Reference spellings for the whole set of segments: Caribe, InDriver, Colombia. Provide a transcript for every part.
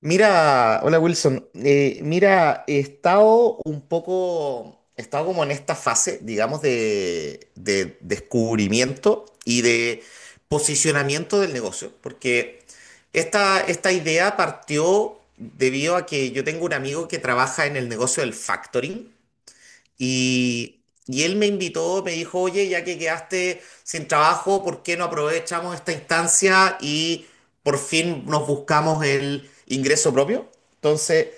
Mira, hola Wilson. He estado como en esta fase, digamos, de descubrimiento y de posicionamiento del negocio, porque esta idea partió debido a que yo tengo un amigo que trabaja en el negocio del factoring y, y él me invitó, me dijo, oye, ya que quedaste sin trabajo, ¿por qué no aprovechamos esta instancia y por fin nos buscamos el ingreso propio? Entonces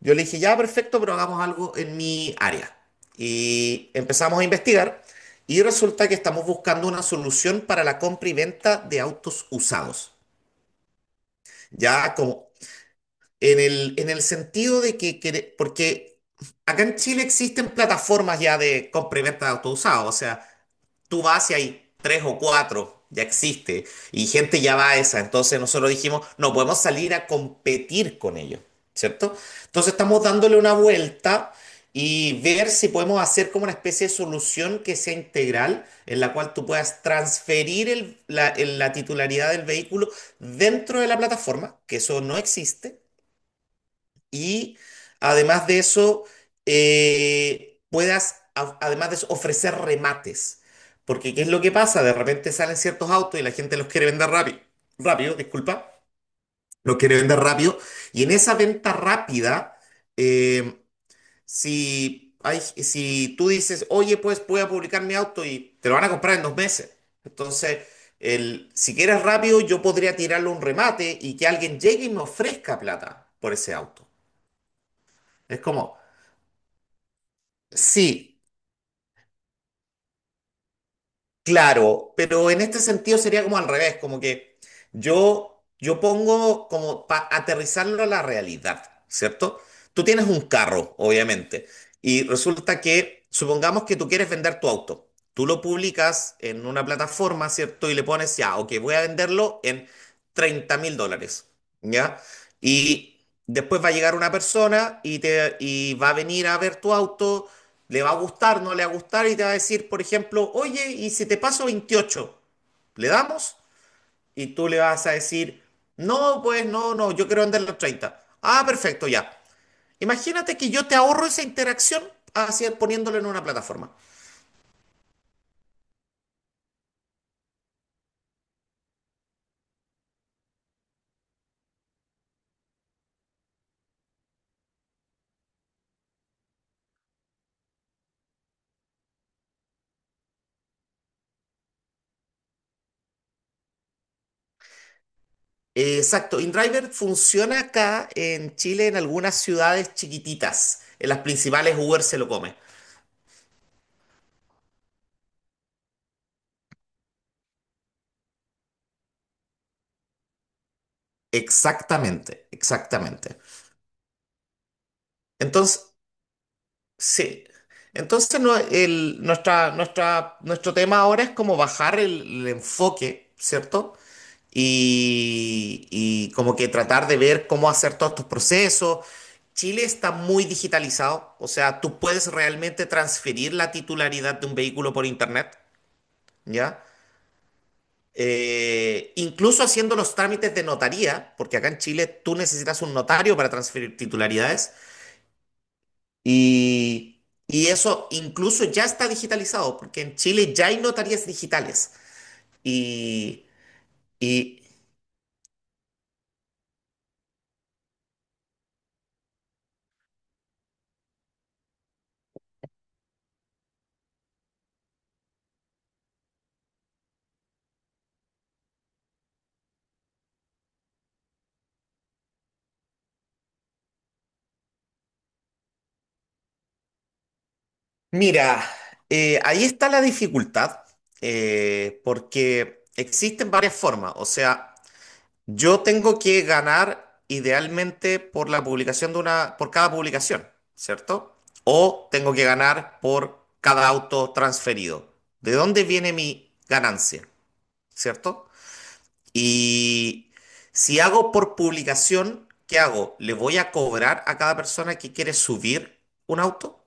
yo le dije, ya, perfecto, pero hagamos algo en mi área. Y empezamos a investigar y resulta que estamos buscando una solución para la compra y venta de autos usados. Ya como en el sentido de que, porque acá en Chile existen plataformas ya de compra y venta de autos usados, o sea, tú vas y hay tres o cuatro, ya existe, y gente ya va a esa, entonces nosotros dijimos, no podemos salir a competir con ellos, ¿cierto? Entonces estamos dándole una vuelta y ver si podemos hacer como una especie de solución que sea integral, en la cual tú puedas transferir la titularidad del vehículo dentro de la plataforma, que eso no existe y además de eso, puedas, además de eso, ofrecer remates. Porque, ¿qué es lo que pasa? De repente salen ciertos autos y la gente los quiere vender rápido. Rápido, disculpa. Los quiere vender rápido. Y en esa venta rápida, eh, si tú dices, oye, pues voy a publicar mi auto y te lo van a comprar en 2 meses. Entonces, si quieres rápido, yo podría tirarle un remate y que alguien llegue y me ofrezca plata por ese auto. Es como, Sí, claro, pero en este sentido sería como al revés, como que yo pongo como para aterrizarlo a la realidad, ¿cierto? Tú tienes un carro, obviamente, y resulta que, supongamos que tú quieres vender tu auto, tú lo publicas en una plataforma, ¿cierto? Y le pones, ya, ok, voy a venderlo en US$30.000, ¿ya? Después va a llegar una persona y va a venir a ver tu auto, le va a gustar, no le va a gustar y te va a decir, por ejemplo, oye, ¿y si te paso 28, ¿le damos? Y tú le vas a decir, no, pues no, no, yo quiero vender los 30. Ah, perfecto, ya. Imagínate que yo te ahorro esa interacción hacia, poniéndolo en una plataforma. Exacto, InDriver funciona acá en Chile en algunas ciudades chiquititas. En las principales Uber se lo come. Exactamente, exactamente. Entonces, sí. Entonces, no, nuestro tema ahora es como bajar el enfoque, ¿cierto? Y como que tratar de ver cómo hacer todos estos procesos. Chile está muy digitalizado, o sea, tú puedes realmente transferir la titularidad de un vehículo por internet, ¿ya? Incluso haciendo los trámites de notaría, porque acá en Chile tú necesitas un notario para transferir titularidades. Y eso incluso ya está digitalizado, porque en Chile ya hay notarías digitales. Y, y mira, ahí está la dificultad, porque existen varias formas. O sea, yo tengo que ganar idealmente por la publicación de una, por cada publicación, ¿cierto? O tengo que ganar por cada auto transferido. ¿De dónde viene mi ganancia? ¿Cierto? Y si hago por publicación, ¿qué hago? ¿Le voy a cobrar a cada persona que quiere subir un auto?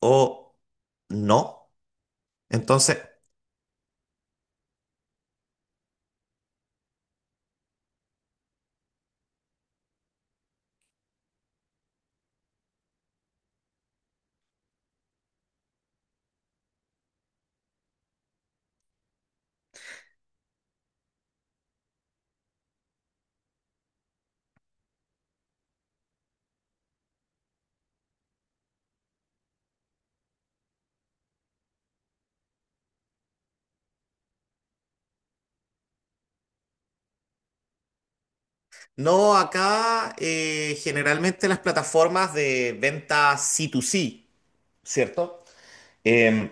¿O no? Entonces, no, acá generalmente las plataformas de venta C2C, ¿cierto? Em,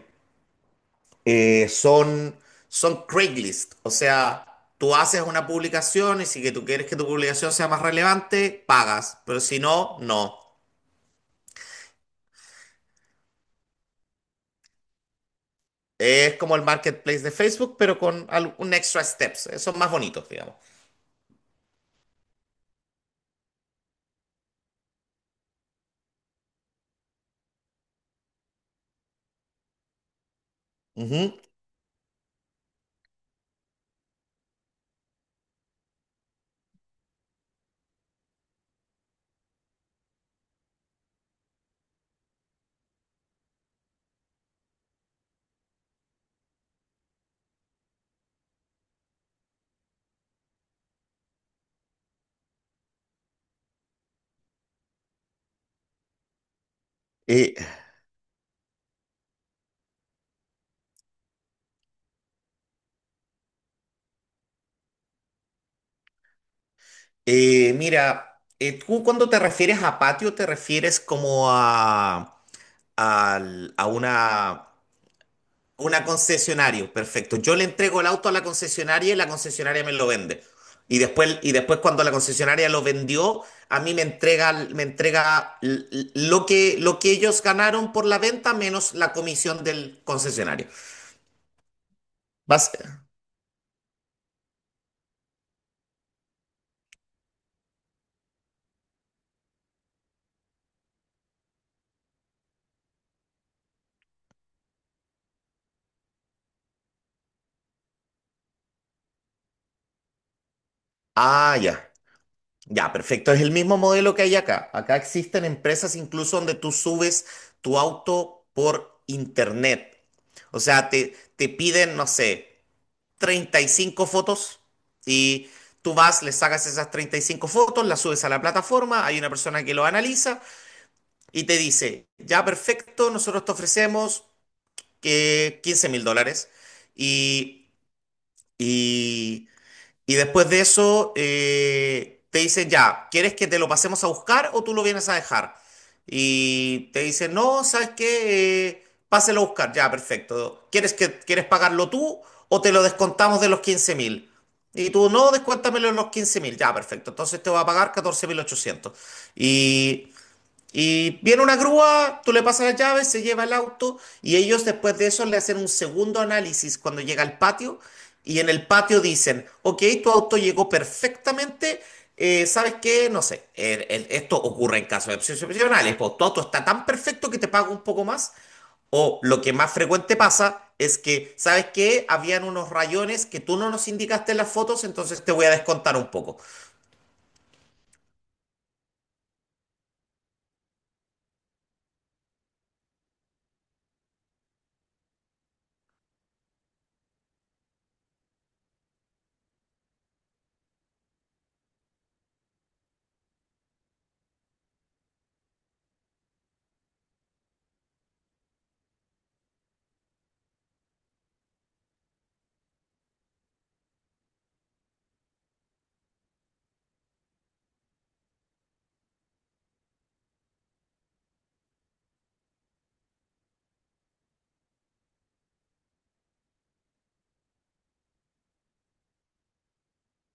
eh, son, son Craigslist, o sea... Tú haces una publicación y si que tú quieres que tu publicación sea más relevante, pagas, pero si no, no. Es como el marketplace de Facebook, pero con un extra steps. Son más bonitos, digamos. Ujú. Eh, tú cuando te refieres a patio, te refieres como a una concesionaria. Perfecto. Yo le entrego el auto a la concesionaria y la concesionaria me lo vende. Y después, cuando la concesionaria lo vendió, a mí me entrega lo que ellos ganaron por la venta menos la comisión del concesionario. Bas- Ah, ya. Ya, perfecto. Es el mismo modelo que hay acá. Acá existen empresas incluso donde tú subes tu auto por internet. O sea, te piden, no sé, 35 fotos y tú vas, le sacas esas 35 fotos, las subes a la plataforma, hay una persona que lo analiza y te dice, ya, perfecto, nosotros te ofrecemos que US$15.000 y, y y después de eso te dicen, ya, ¿quieres que te lo pasemos a buscar o tú lo vienes a dejar? Y te dicen, no, ¿sabes qué? Páselo a buscar, ya, perfecto. ¿Quieres que, quieres pagarlo tú o te lo descontamos de los 15.000? Y tú, no, descuéntamelo en los 15.000, ya, perfecto. Entonces te va a pagar 14.800. Y viene una grúa, tú le pasas las llaves, se lleva el auto y ellos después de eso le hacen un segundo análisis cuando llega al patio y en el patio dicen, ok, tu auto llegó perfectamente, ¿sabes qué? No sé, esto ocurre en casos excepcionales, pues tu auto está tan perfecto que te pago un poco más, o lo que más frecuente pasa es que, ¿sabes qué? Habían unos rayones que tú no nos indicaste en las fotos, entonces te voy a descontar un poco.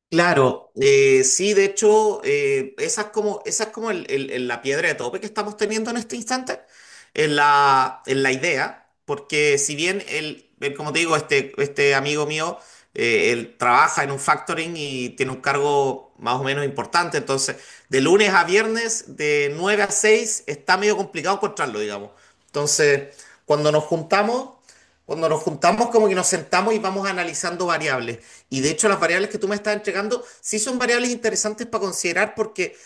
Claro, sí, de hecho, esa es como la piedra de tope que estamos teniendo en este instante, en la idea, porque si bien él, como te digo, este amigo mío, él trabaja en un factoring y tiene un cargo más o menos importante, entonces, de lunes a viernes, de 9 a 6 está medio complicado encontrarlo, digamos. Entonces, cuando nos juntamos... Cuando nos juntamos, como que nos sentamos y vamos analizando variables. Y de hecho, las variables que tú me estás entregando sí son variables interesantes para considerar porque,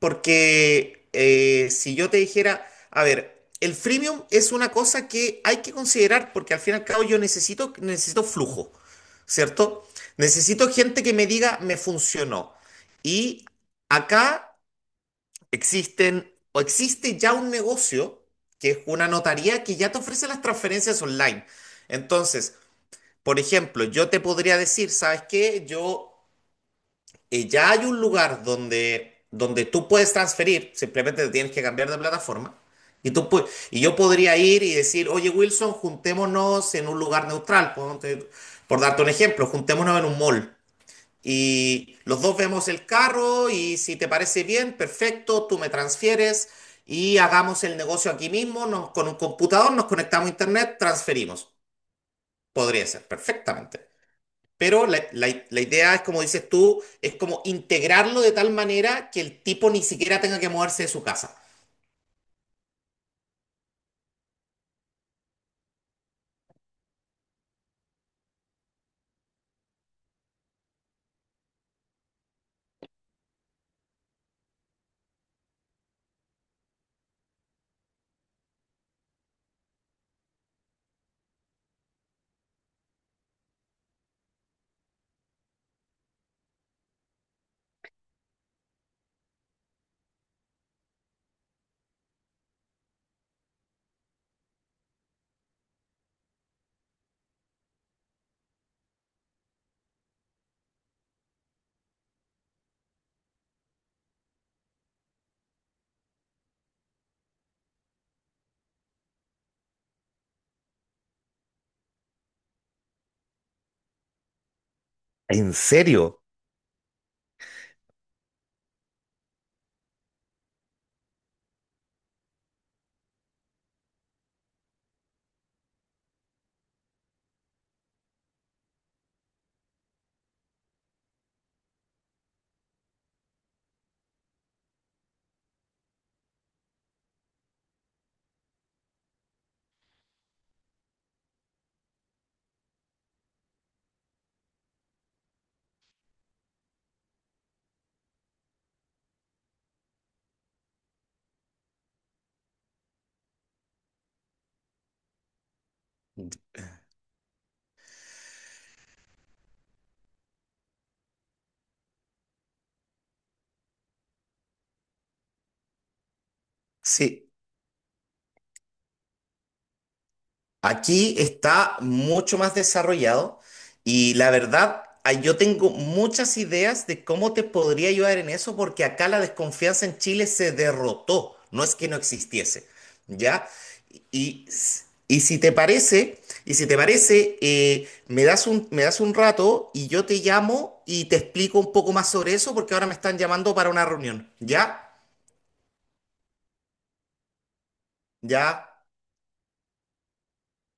porque si yo te dijera, a ver, el freemium es una cosa que hay que considerar porque al fin y al cabo yo necesito flujo, ¿cierto? Necesito gente que me diga, me funcionó. Y acá existen, o existe ya un negocio, que es una notaría que ya te ofrece las transferencias online. Entonces, por ejemplo, yo te podría decir, ¿sabes qué? Yo, ya hay un lugar donde tú puedes transferir, simplemente te tienes que cambiar de plataforma. Y, y yo podría ir y decir, oye Wilson, juntémonos en un lugar neutral. Por darte un ejemplo, juntémonos en un mall. Y los dos vemos el carro y si te parece bien, perfecto, tú me transfieres y hagamos el negocio aquí mismo, con un computador, nos conectamos a internet, transferimos. Podría ser perfectamente. Pero la idea es, como dices tú, es como integrarlo de tal manera que el tipo ni siquiera tenga que moverse de su casa. ¿En serio? Sí. Aquí está mucho más desarrollado y la verdad, yo tengo muchas ideas de cómo te podría ayudar en eso porque acá la desconfianza en Chile se derrotó, no es que no existiese, ¿ya? Y, s- y si te parece, y si te parece, me das un rato y yo te llamo y te explico un poco más sobre eso porque ahora me están llamando para una reunión, ¿ya? ¿Ya?